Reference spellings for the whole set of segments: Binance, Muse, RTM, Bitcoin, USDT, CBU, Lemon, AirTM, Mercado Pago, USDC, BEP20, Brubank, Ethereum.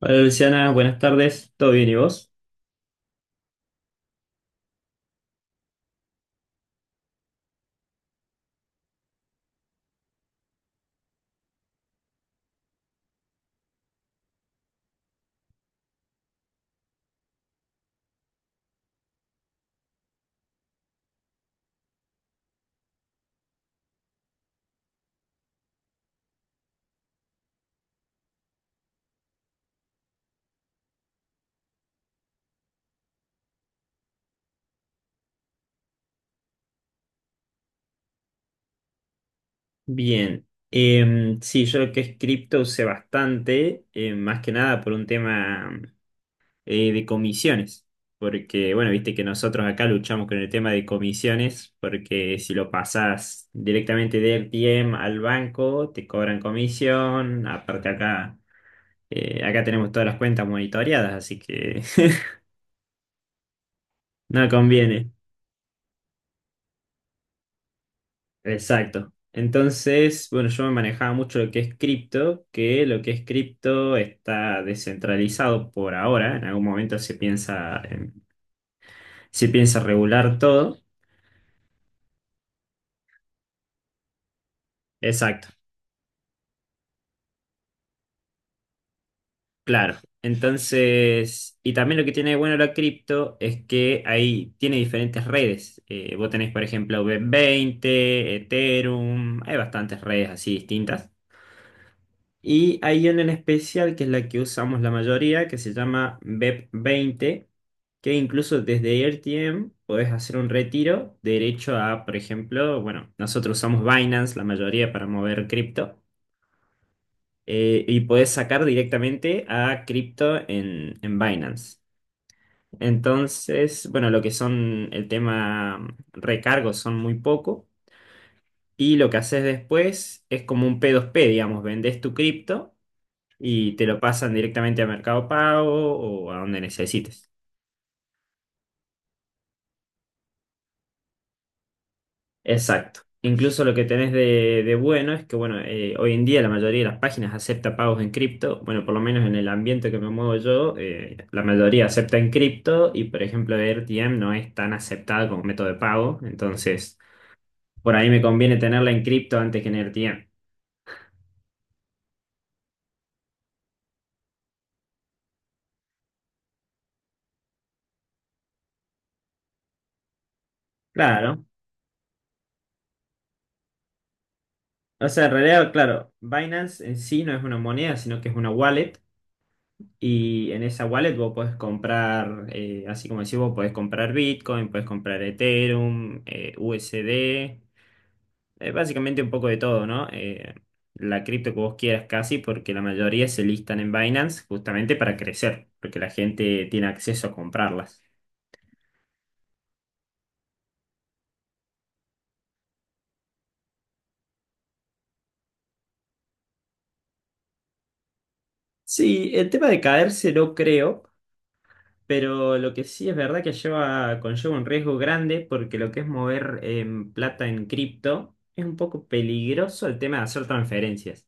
Hola Luciana, buenas tardes. ¿Todo bien y vos? Bien. Sí, yo lo que es cripto usé bastante, más que nada por un tema de comisiones. Porque, bueno, viste que nosotros acá luchamos con el tema de comisiones, porque si lo pasás directamente de RTM al banco, te cobran comisión. Aparte acá, acá tenemos todas las cuentas monitoreadas, así que no conviene. Exacto. Entonces, bueno, yo me manejaba mucho lo que es cripto, que lo que es cripto está descentralizado por ahora. En algún momento se piensa regular todo. Exacto, claro. Entonces, y también lo que tiene de bueno la cripto es que ahí tiene diferentes redes. Vos tenés, por ejemplo, B20, Ethereum, hay bastantes redes así distintas. Y hay una en especial que es la que usamos la mayoría, que se llama BEP20, que incluso desde RTM podés hacer un retiro derecho a, por ejemplo, bueno, nosotros usamos Binance la mayoría para mover cripto, y podés sacar directamente a cripto en Binance. Entonces, bueno, lo que son el tema recargos son muy poco. Y lo que haces después es como un P2P, digamos, vendés tu cripto y te lo pasan directamente a Mercado Pago o a donde necesites. Exacto. Incluso lo que tenés de bueno es que, bueno, hoy en día la mayoría de las páginas acepta pagos en cripto. Bueno, por lo menos en el ambiente que me muevo yo, la mayoría acepta en cripto y, por ejemplo, R T M no es tan aceptada como método de pago. Entonces, por ahí me conviene tenerla en cripto antes que en R T M. Claro. O sea, en realidad, claro, Binance en sí no es una moneda, sino que es una wallet. Y en esa wallet vos podés comprar, así como decís vos, podés comprar Bitcoin, podés comprar Ethereum, USD, básicamente un poco de todo, ¿no? La cripto que vos quieras casi, porque la mayoría se listan en Binance justamente para crecer, porque la gente tiene acceso a comprarlas. Sí, el tema de caerse no creo, pero lo que sí es verdad que lleva, conlleva un riesgo grande porque lo que es mover plata en cripto es un poco peligroso el tema de hacer transferencias.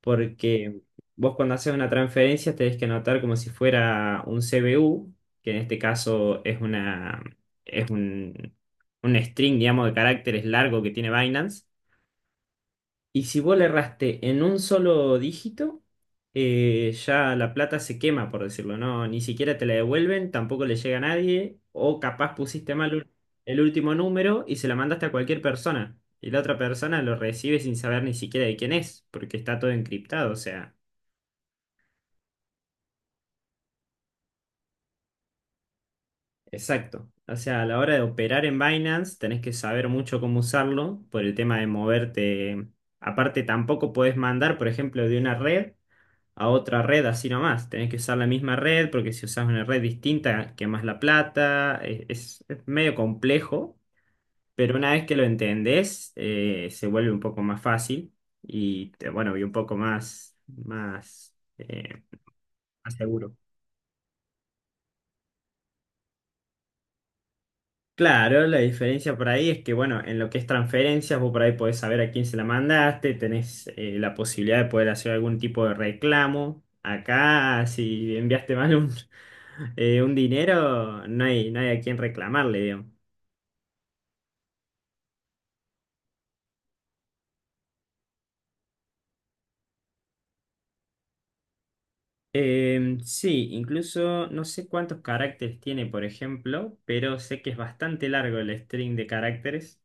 Porque vos cuando haces una transferencia tenés que anotar como si fuera un CBU, que en este caso es una, es un string, digamos, de caracteres largo que tiene Binance. Y si vos le erraste en un solo dígito, ya la plata se quema, por decirlo, ¿no? Ni siquiera te la devuelven, tampoco le llega a nadie, o capaz el último número y se la mandaste a cualquier persona. Y la otra persona lo recibe sin saber ni siquiera de quién es, porque está todo encriptado, o sea. Exacto. O sea, a la hora de operar en Binance tenés que saber mucho cómo usarlo por el tema de moverte. Aparte, tampoco podés mandar, por ejemplo, de una red a otra red así nomás. Tenés que usar la misma red porque si usás una red distinta, quemás la plata. Es medio complejo, pero una vez que lo entendés, se vuelve un poco más fácil y, bueno, y un poco más, más seguro. Claro, la diferencia por ahí es que, bueno, en lo que es transferencias, vos por ahí podés saber a quién se la mandaste, tenés la posibilidad de poder hacer algún tipo de reclamo. Acá, si enviaste mal un, un dinero, no hay a quién reclamarle, digamos. Sí, incluso no sé cuántos caracteres tiene, por ejemplo, pero sé que es bastante largo el string de caracteres.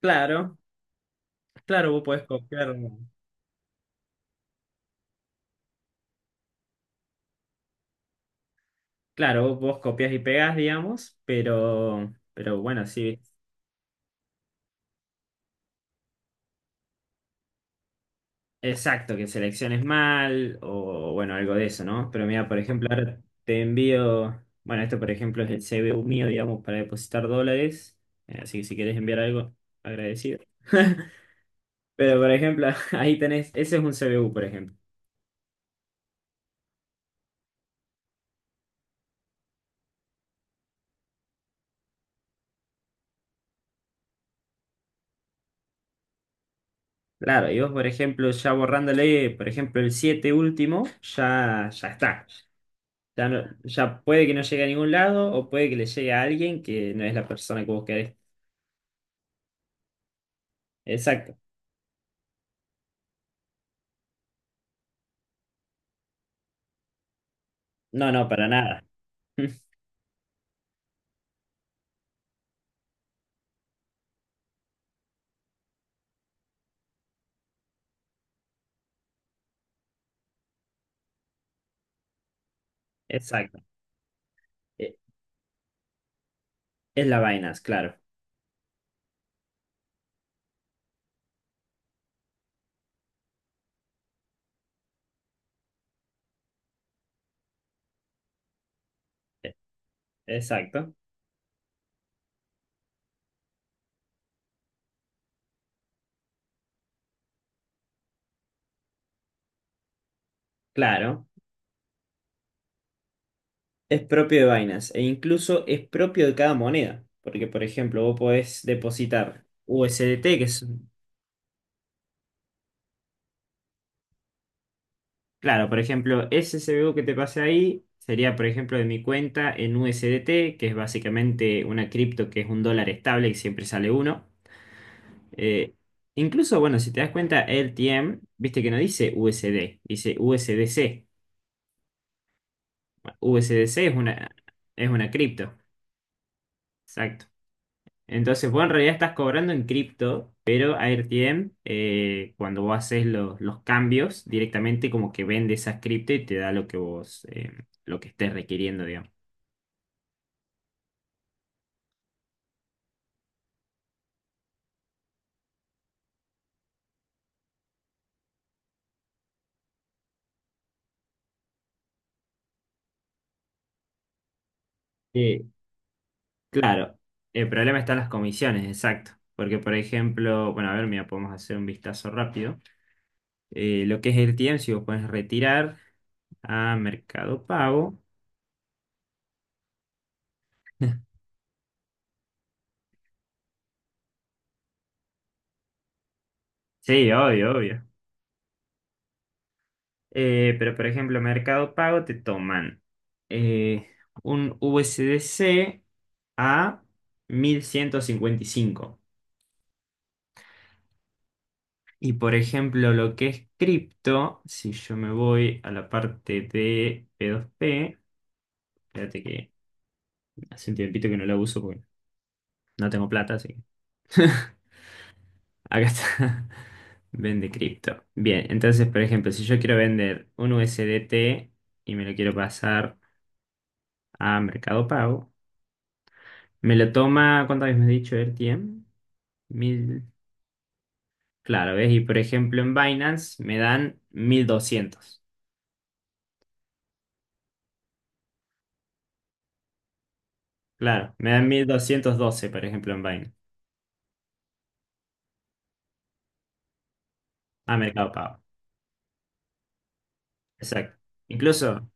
Claro, claro, vos podés copiar, claro, vos copias y pegás, digamos, pero bueno, sí. Exacto, que selecciones mal o bueno, algo de eso, ¿no? Pero mira, por ejemplo, ahora te envío, bueno, esto por ejemplo es el CBU mío, digamos, para depositar dólares, así que si quieres enviar algo, agradecido. Pero por ejemplo, ahí tenés, ese es un CBU, por ejemplo. Claro, y vos, por ejemplo, ya borrándole, por ejemplo, el 7 último, ya está. Ya, ya puede que no llegue a ningún lado o puede que le llegue a alguien que no es la persona que vos querés. Exacto. No, no, para nada. Exacto. Es la Binance, claro. E- Exacto, claro. Es propio de Binance e incluso es propio de cada moneda. Porque, por ejemplo, vos podés depositar USDT, que es, claro, por ejemplo, ese CBU que te pasé ahí sería, por ejemplo, de mi cuenta en USDT, que es básicamente una cripto que es un dólar estable, y siempre sale uno. Eh, Incluso, bueno, si te das cuenta, LTM, viste que no dice USD, dice USDC. USDC es una, es una cripto. Exacto. Entonces, vos en realidad estás cobrando en cripto, pero AirTM, cuando vos haces los cambios, directamente como que vende esas cripto y te da lo que vos, lo que estés requiriendo, digamos. Eh, claro, el problema está en las comisiones, exacto. Porque, por ejemplo, bueno, a ver, mira, podemos hacer un vistazo rápido. Lo que es AirTM, si vos pones retirar a Mercado Pago. Sí, obvio, obvio. Pero por ejemplo, Mercado Pago te toman eh, un USDC a 1155. Y por ejemplo, lo que es cripto, si yo me voy a la parte de P2P, espérate que hace un tiempito que no la uso porque no tengo plata, así que acá está. Vende cripto. Bien, entonces, por ejemplo, si yo quiero vender un USDT y me lo quiero pasar a Mercado Pago, me lo toma, ¿cuántas veces me has dicho el tiempo? 1000. Claro, ¿ves? Y por ejemplo en Binance me dan 1200. Claro, me dan 1212 por ejemplo, en Binance. Ah, Mercado Pago. Exacto. Incluso,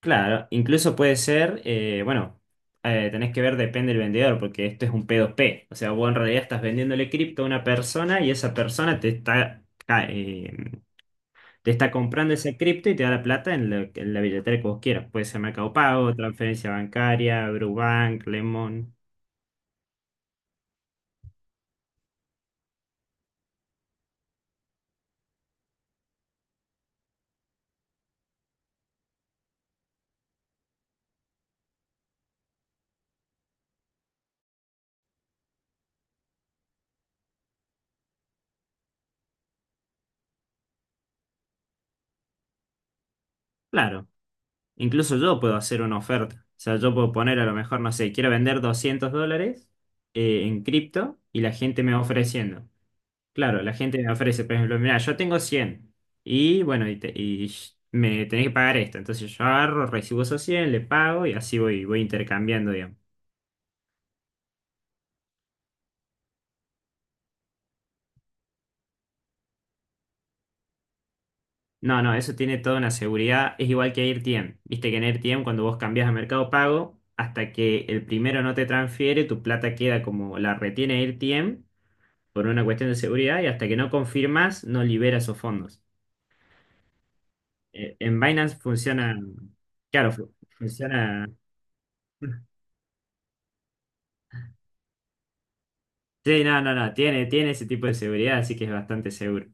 claro, incluso puede ser, bueno, tenés que ver, depende del vendedor, porque esto es un p dos p. O sea, vos en realidad estás vendiéndole cripto a una persona y esa persona te está, te está comprando esa cripto y te da la plata en la billetera que vos quieras. Puede ser Mercado Pago, transferencia bancaria, Brubank, Lemon. Claro, incluso yo puedo hacer una oferta. O sea, yo puedo poner a lo mejor, no sé, quiero vender $200 en cripto y la gente me va ofreciendo. Claro, la gente me ofrece, por ejemplo, mira, yo tengo 100 y bueno, me tenés que pagar esto. Entonces yo agarro, recibo esos 100, le pago y así voy, voy intercambiando, digamos. No, no, eso tiene toda una seguridad. Es igual que AirTM. Viste que en AirTM, cuando vos cambias a Mercado Pago, hasta que el primero no te transfiere, tu plata queda como la retiene AirTM por una cuestión de seguridad y hasta que no confirmas, no libera esos fondos. En Binance funciona. Claro, funciona. Sí, no, no, no. Tiene ese tipo de seguridad, así que es bastante seguro.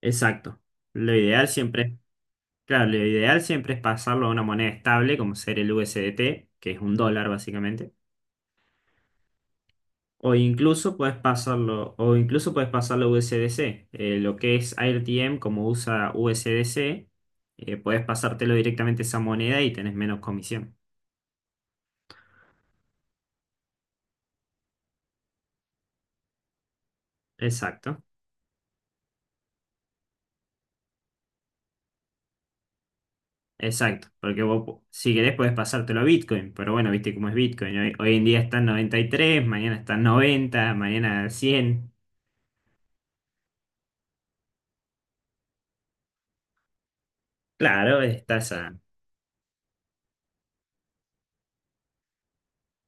Exacto. Lo ideal siempre, claro, lo ideal siempre es pasarlo a una moneda estable, como ser el USDT, que es un dólar básicamente. O incluso puedes pasarlo a U S D C. Lo que es AirTM, como usa USDC, puedes pasártelo directamente a esa moneda y tenés menos comisión. Exacto, exacto. Porque vos, si querés, puedes pasártelo a Bitcoin. Pero bueno, viste cómo es Bitcoin. Hoy en día está en 93, mañana está en 90, mañana 100. Claro, estás a…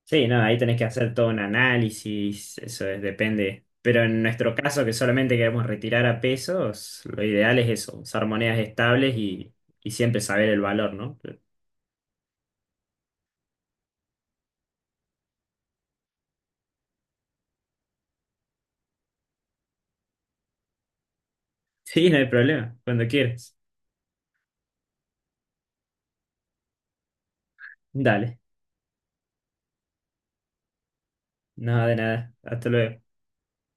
Sí, no, ahí tenés que hacer todo un análisis, eso es, depende. Pero en nuestro caso, que solamente queremos retirar a pesos, lo ideal es eso, usar monedas estables y siempre saber el valor, ¿no? Sí, no hay problema, cuando quieras. Dale, nada de nada. Hasta luego.